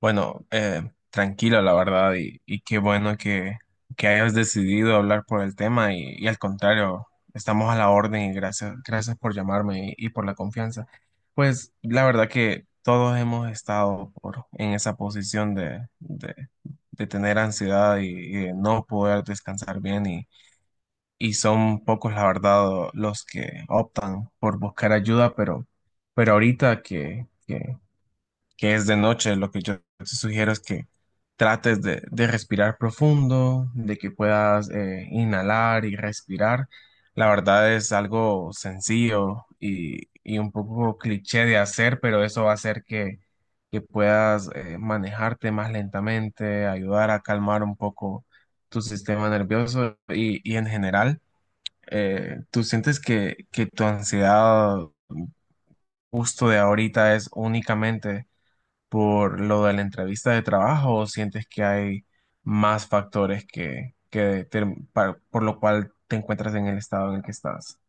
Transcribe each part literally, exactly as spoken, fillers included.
Bueno, eh, tranquilo, la verdad, y, y qué bueno que, que hayas decidido hablar por el tema y, y al contrario, estamos a la orden y gracias, gracias por llamarme y, y por la confianza. Pues la verdad que todos hemos estado por, en esa posición de, de, de tener ansiedad y, y de no poder descansar bien y, y son pocos, la verdad, los que optan por buscar ayuda, pero, pero ahorita que... que que es de noche, lo que yo te sugiero es que trates de, de respirar profundo, de que puedas eh, inhalar y respirar. La verdad es algo sencillo y, y un poco cliché de hacer, pero eso va a hacer que, que puedas eh, manejarte más lentamente, ayudar a calmar un poco tu sistema nervioso y, y en general, eh, ¿tú sientes que, que tu ansiedad justo de ahorita es únicamente por lo de la entrevista de trabajo o sientes que hay más factores que, que te- para- por lo cual te encuentras en el estado en el que estás?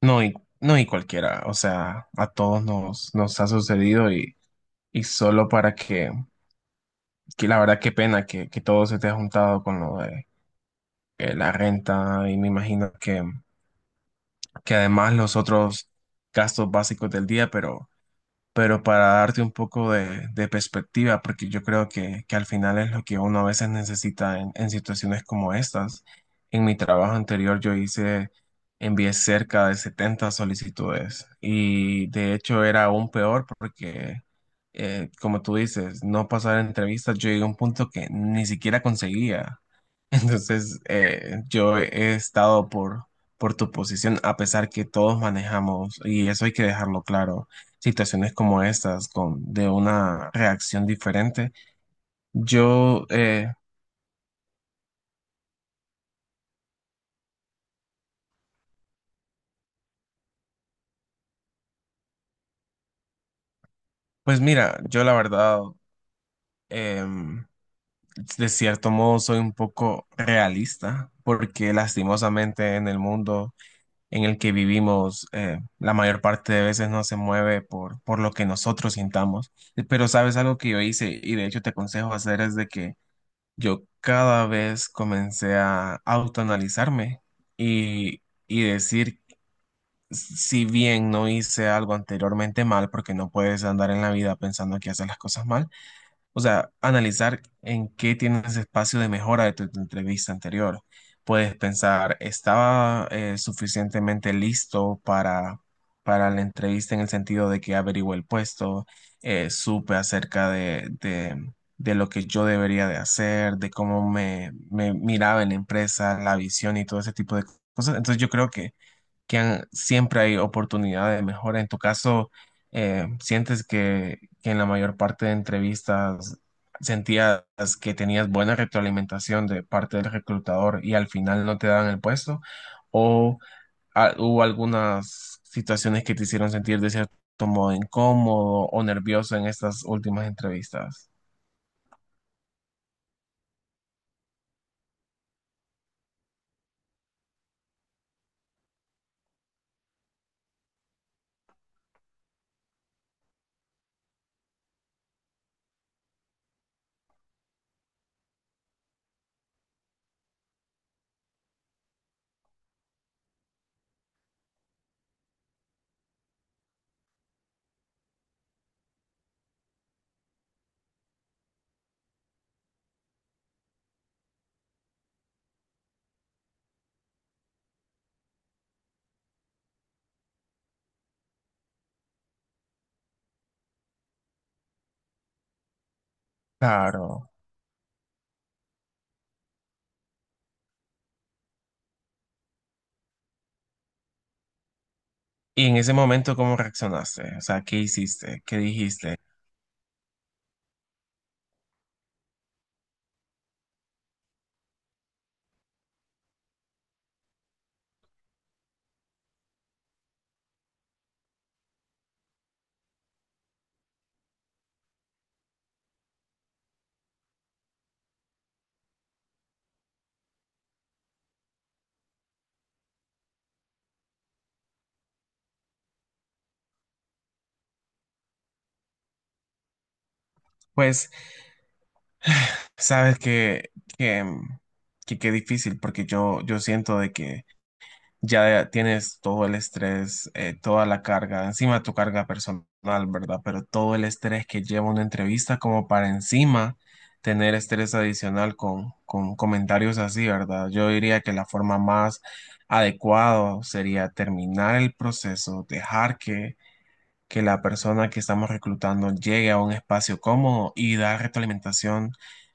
No, y, no, y cualquiera, o sea, a todos nos, nos ha sucedido y, y solo para que, que la verdad qué pena que, que todo se te ha juntado con lo de eh, la renta y me imagino que... que además los otros gastos básicos del día, pero, pero para darte un poco de, de perspectiva, porque yo creo que, que al final es lo que uno a veces necesita en, en situaciones como estas. En mi trabajo anterior yo hice, envié cerca de setenta solicitudes y de hecho era aún peor porque, eh, como tú dices, no pasar entrevistas, yo llegué a un punto que ni siquiera conseguía. Entonces, eh, yo he estado por, por tu posición, a pesar que todos manejamos, y eso hay que dejarlo claro, situaciones como estas, con, de una reacción diferente. Yo, eh, pues mira, yo la verdad, em, de cierto modo soy un poco realista, porque lastimosamente en el mundo en el que vivimos eh, la mayor parte de veces no se mueve por, por lo que nosotros sintamos. Eh, Pero sabes algo que yo hice y de hecho te aconsejo hacer es de que yo cada vez comencé a autoanalizarme y, y decir, si bien no hice algo anteriormente mal, porque no puedes andar en la vida pensando que haces las cosas mal, o sea, analizar en qué tienes espacio de mejora de tu, tu entrevista anterior. Puedes pensar, ¿estaba eh, suficientemente listo para, para la entrevista en el sentido de que averigué el puesto, eh, supe acerca de, de- de lo que yo debería de hacer, de cómo me, me miraba en la empresa, la visión y todo ese tipo de cosas? Entonces yo creo que que han- siempre hay oportunidad de mejora. En tu caso, eh, ¿sientes que, que en la mayor parte de entrevistas sentías que tenías buena retroalimentación de parte del reclutador y al final no te daban el puesto? ¿O ah, hubo algunas situaciones que te hicieron sentir de cierto modo incómodo o nervioso en estas últimas entrevistas? Claro. Y en ese momento, ¿cómo reaccionaste? O sea, ¿qué hiciste? ¿Qué dijiste? Pues sabes que, que, que qué difícil, porque yo, yo siento de que ya tienes todo el estrés, eh, toda la carga, encima tu carga personal, ¿verdad? Pero todo el estrés que lleva una entrevista como para encima tener estrés adicional con, con comentarios así, ¿verdad? Yo diría que la forma más adecuada sería terminar el proceso, dejar que que la persona que estamos reclutando llegue a un espacio cómodo y dar retroalimentación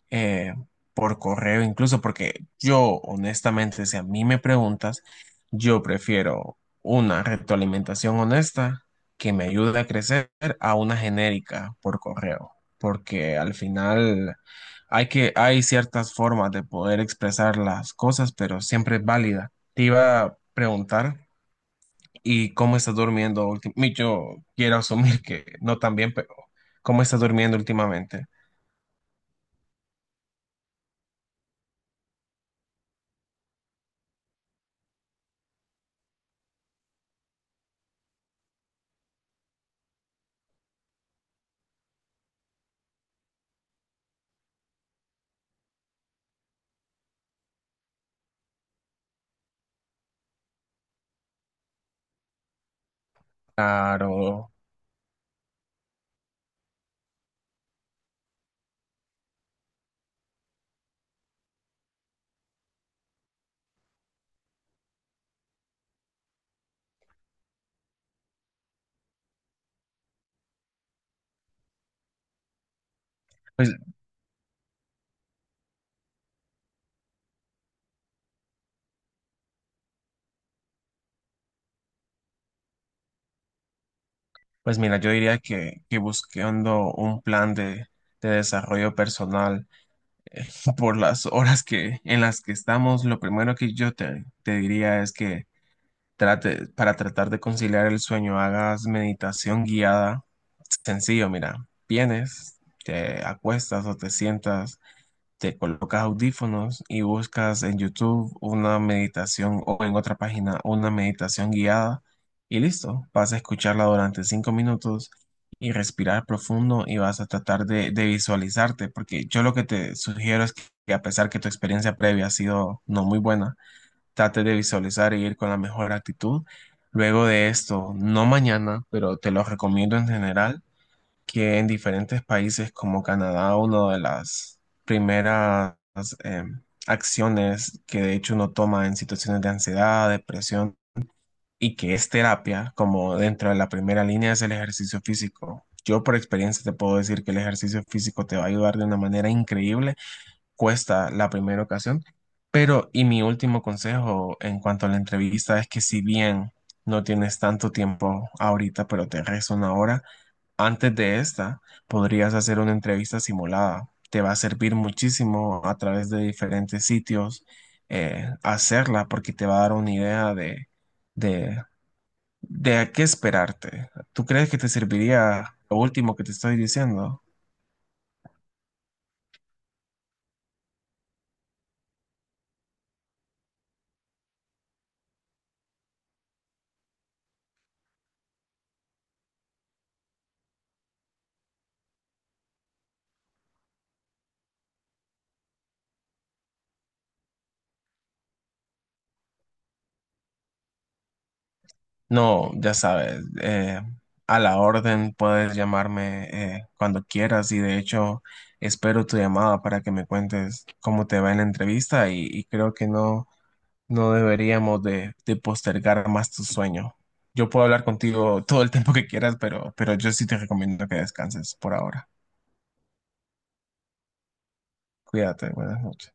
eh, por correo incluso, porque yo honestamente, si a mí me preguntas, yo prefiero una retroalimentación honesta que me ayude a crecer a una genérica por correo, porque al final hay que, hay ciertas formas de poder expresar las cosas, pero siempre es válida. Te iba a preguntar. ¿Y cómo estás durmiendo últimamente? Yo quiero asumir que no tan bien, pero ¿cómo estás durmiendo últimamente? Claro. Pues, pues mira, yo diría que, que buscando un plan de, de desarrollo personal por las horas que, en las que estamos, lo primero que yo te, te diría es que trate, para tratar de conciliar el sueño, hagas meditación guiada. Sencillo, mira, vienes, te acuestas o te sientas, te colocas audífonos y buscas en YouTube una meditación o en otra página una meditación guiada y listo, vas a escucharla durante cinco minutos y respirar profundo y vas a tratar de, de visualizarte, porque yo lo que te sugiero es que, que a pesar que tu experiencia previa ha sido no muy buena, trate de visualizar e ir con la mejor actitud. Luego de esto, no mañana, pero te lo recomiendo en general que en diferentes países como Canadá, una de las primeras eh, acciones que de hecho uno toma en situaciones de ansiedad, depresión y que es terapia, como dentro de la primera línea es el ejercicio físico. Yo por experiencia te puedo decir que el ejercicio físico te va a ayudar de una manera increíble, cuesta la primera ocasión, pero y mi último consejo en cuanto a la entrevista es que si bien no tienes tanto tiempo ahorita, pero te resta una hora, antes de esta, podrías hacer una entrevista simulada. Te va a servir muchísimo a través de diferentes sitios eh, hacerla porque te va a dar una idea de, de, de a qué esperarte. ¿Tú crees que te serviría lo último que te estoy diciendo? No, ya sabes, eh, a la orden puedes llamarme eh, cuando quieras y de hecho espero tu llamada para que me cuentes cómo te va en la entrevista y y creo que no. No deberíamos de, de postergar más tu sueño. Yo puedo hablar contigo todo el tiempo que quieras, pero, pero yo sí te recomiendo que descanses por ahora. Cuídate, buenas noches.